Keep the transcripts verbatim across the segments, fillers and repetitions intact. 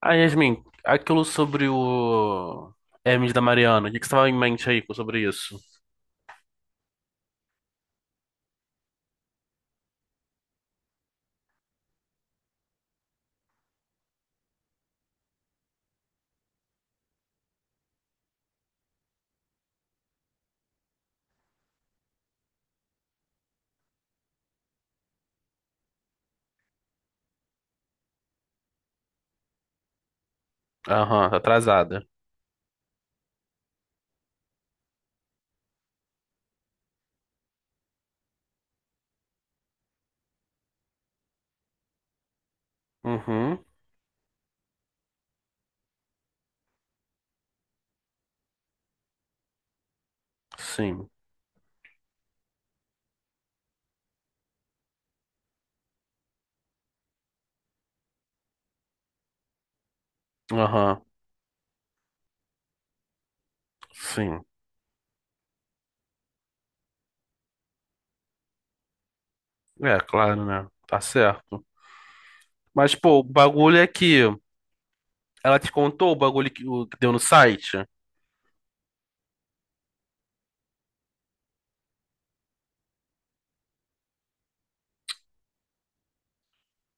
Ah, Yasmin, aquilo sobre o Hermes da Mariana, o que que você tava em mente aí sobre isso? Aham, tá atrasada. Uhum, sim. Aham, sim. É, claro, né? Tá certo. Mas, pô, o bagulho é que ela te contou o bagulho que, o que deu no site?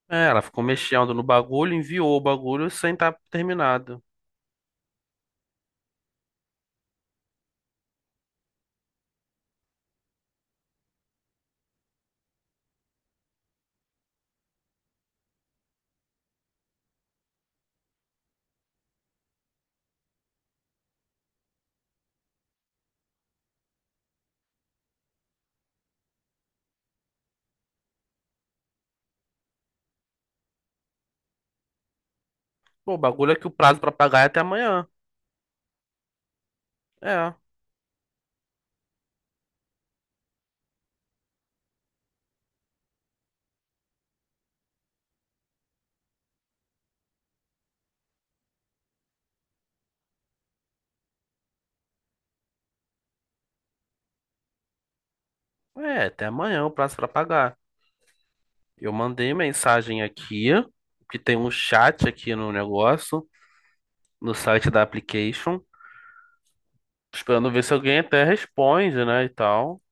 É, ela ficou mexendo no bagulho, enviou o bagulho sem estar terminado. Pô, o bagulho é que o prazo pra pagar é até amanhã. É, é, até amanhã o prazo pra pagar. Eu mandei mensagem aqui, que tem um chat aqui no negócio, no site da application, esperando ver se alguém até responde, né, e tal.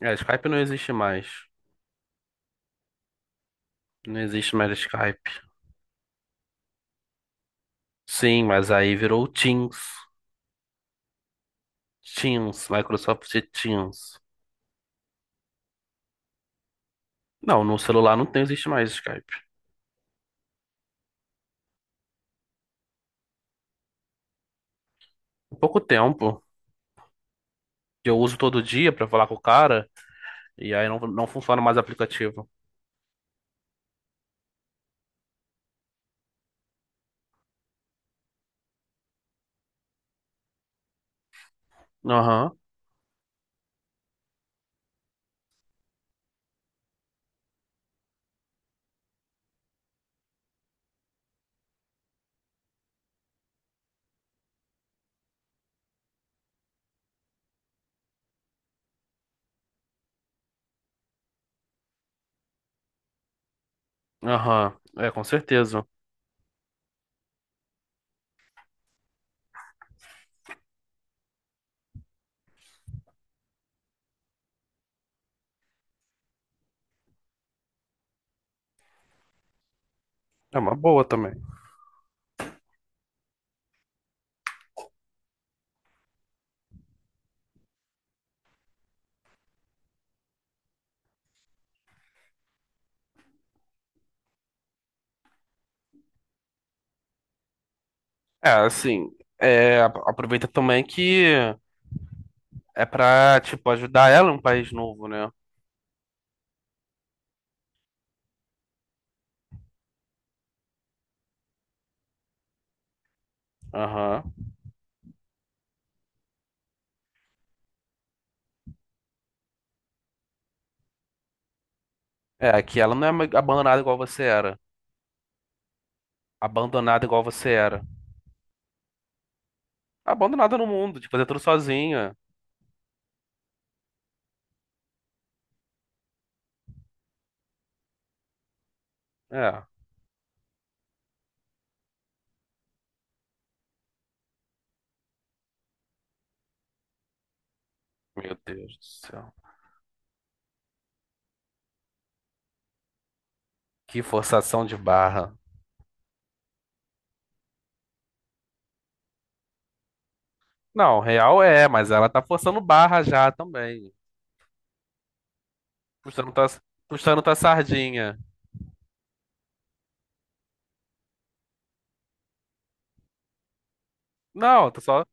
É, Skype não existe mais. Não existe mais Skype. Sim, mas aí virou Teams. Teams, Microsoft Teams. Não, no celular não tem, existe mais Skype. Há pouco tempo, que eu uso todo dia pra falar com o cara, e aí não, não funciona mais o aplicativo. Aham, aham. É, com certeza. É uma boa também. É, assim, é, ap- aproveita também que é pra, tipo, ajudar ela em um país novo, né? Aham. É, aqui ela não é ma- abandonada igual você era. Abandonada igual você era. Abandonada no mundo, de fazer tudo sozinha. É, meu Deus do céu. Que forçação de barra. Não, real é, mas ela tá forçando barra já também. Puxando tua, puxando tua sardinha. Não, tô só.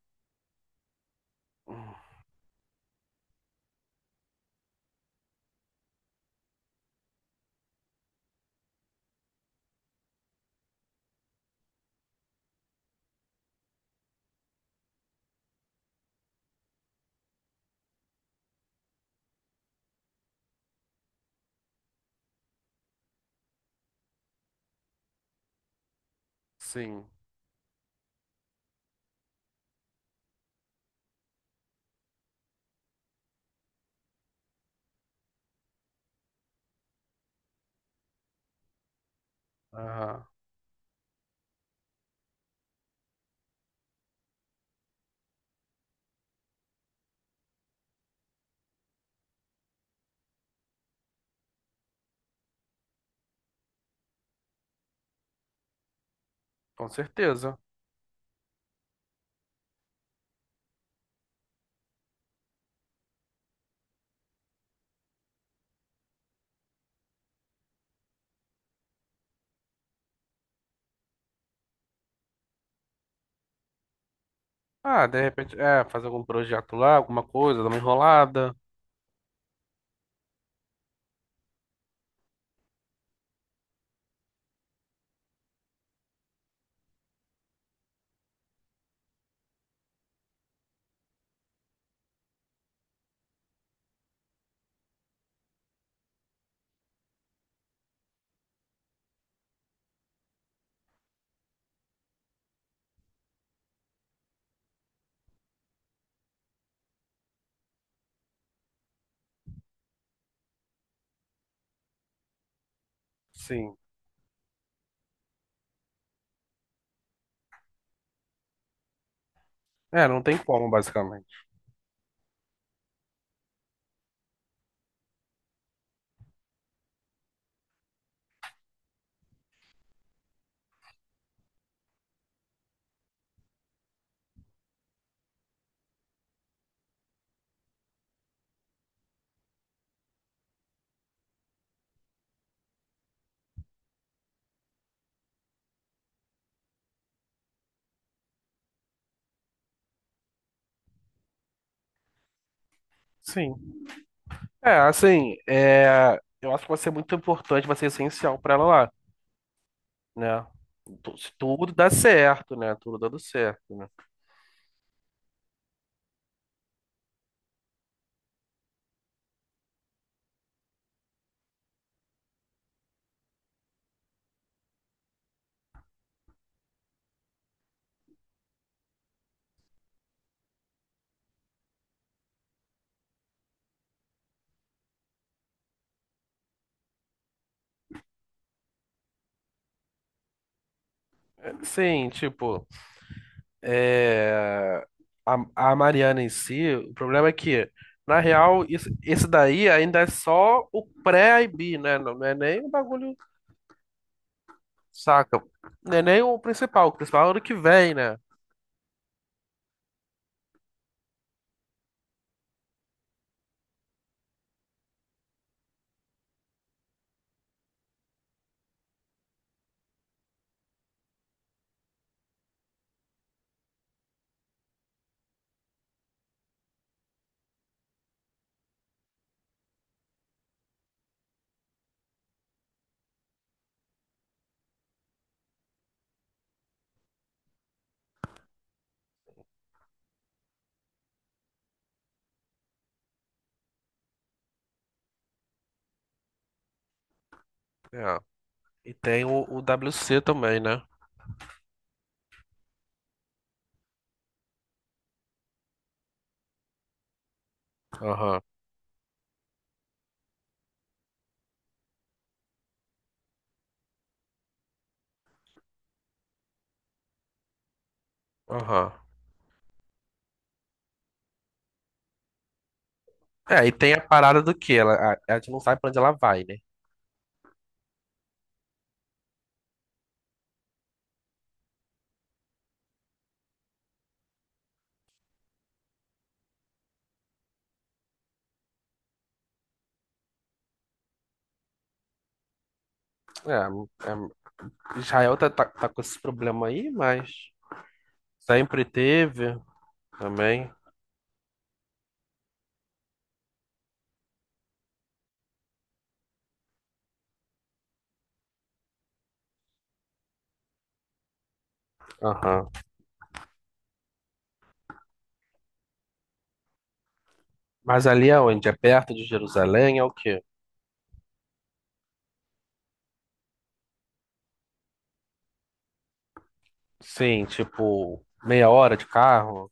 Sim. Aham, com certeza. Ah, de repente, é, fazer algum projeto lá, alguma coisa, dar uma enrolada. Sim. É, não tem como, basicamente. Sim. É, assim, é, eu acho que vai ser muito importante, vai ser essencial pra ela lá, né? Tu- Se tudo dá certo, né? Tudo dando certo, né? É, sim, tipo, é, a, a Mariana em si, o problema é que, na real, isso, esse daí ainda é só o pré-I B, né? Não, não é nem o bagulho, saca? Não é nem o principal, o principal é o ano que vem, né? É. E tem o, o W C também, né? Aham, aham. É, e tem a parada do que ela, a, a gente não sabe pra onde ela vai, né? É, é, Israel tá, tá, tá com esse problema aí, mas sempre teve também. Aham. Mas ali é onde? É perto de Jerusalém? É o quê? Sim, tipo, meia hora de carro?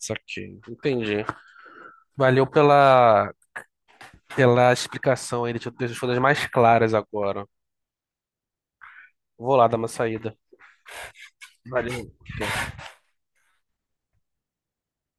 Isso aqui. Entendi. Valeu pela, pela explicação aí, deixa eu deixar as coisas mais claras agora. Vou lá dar uma saída. Valeu.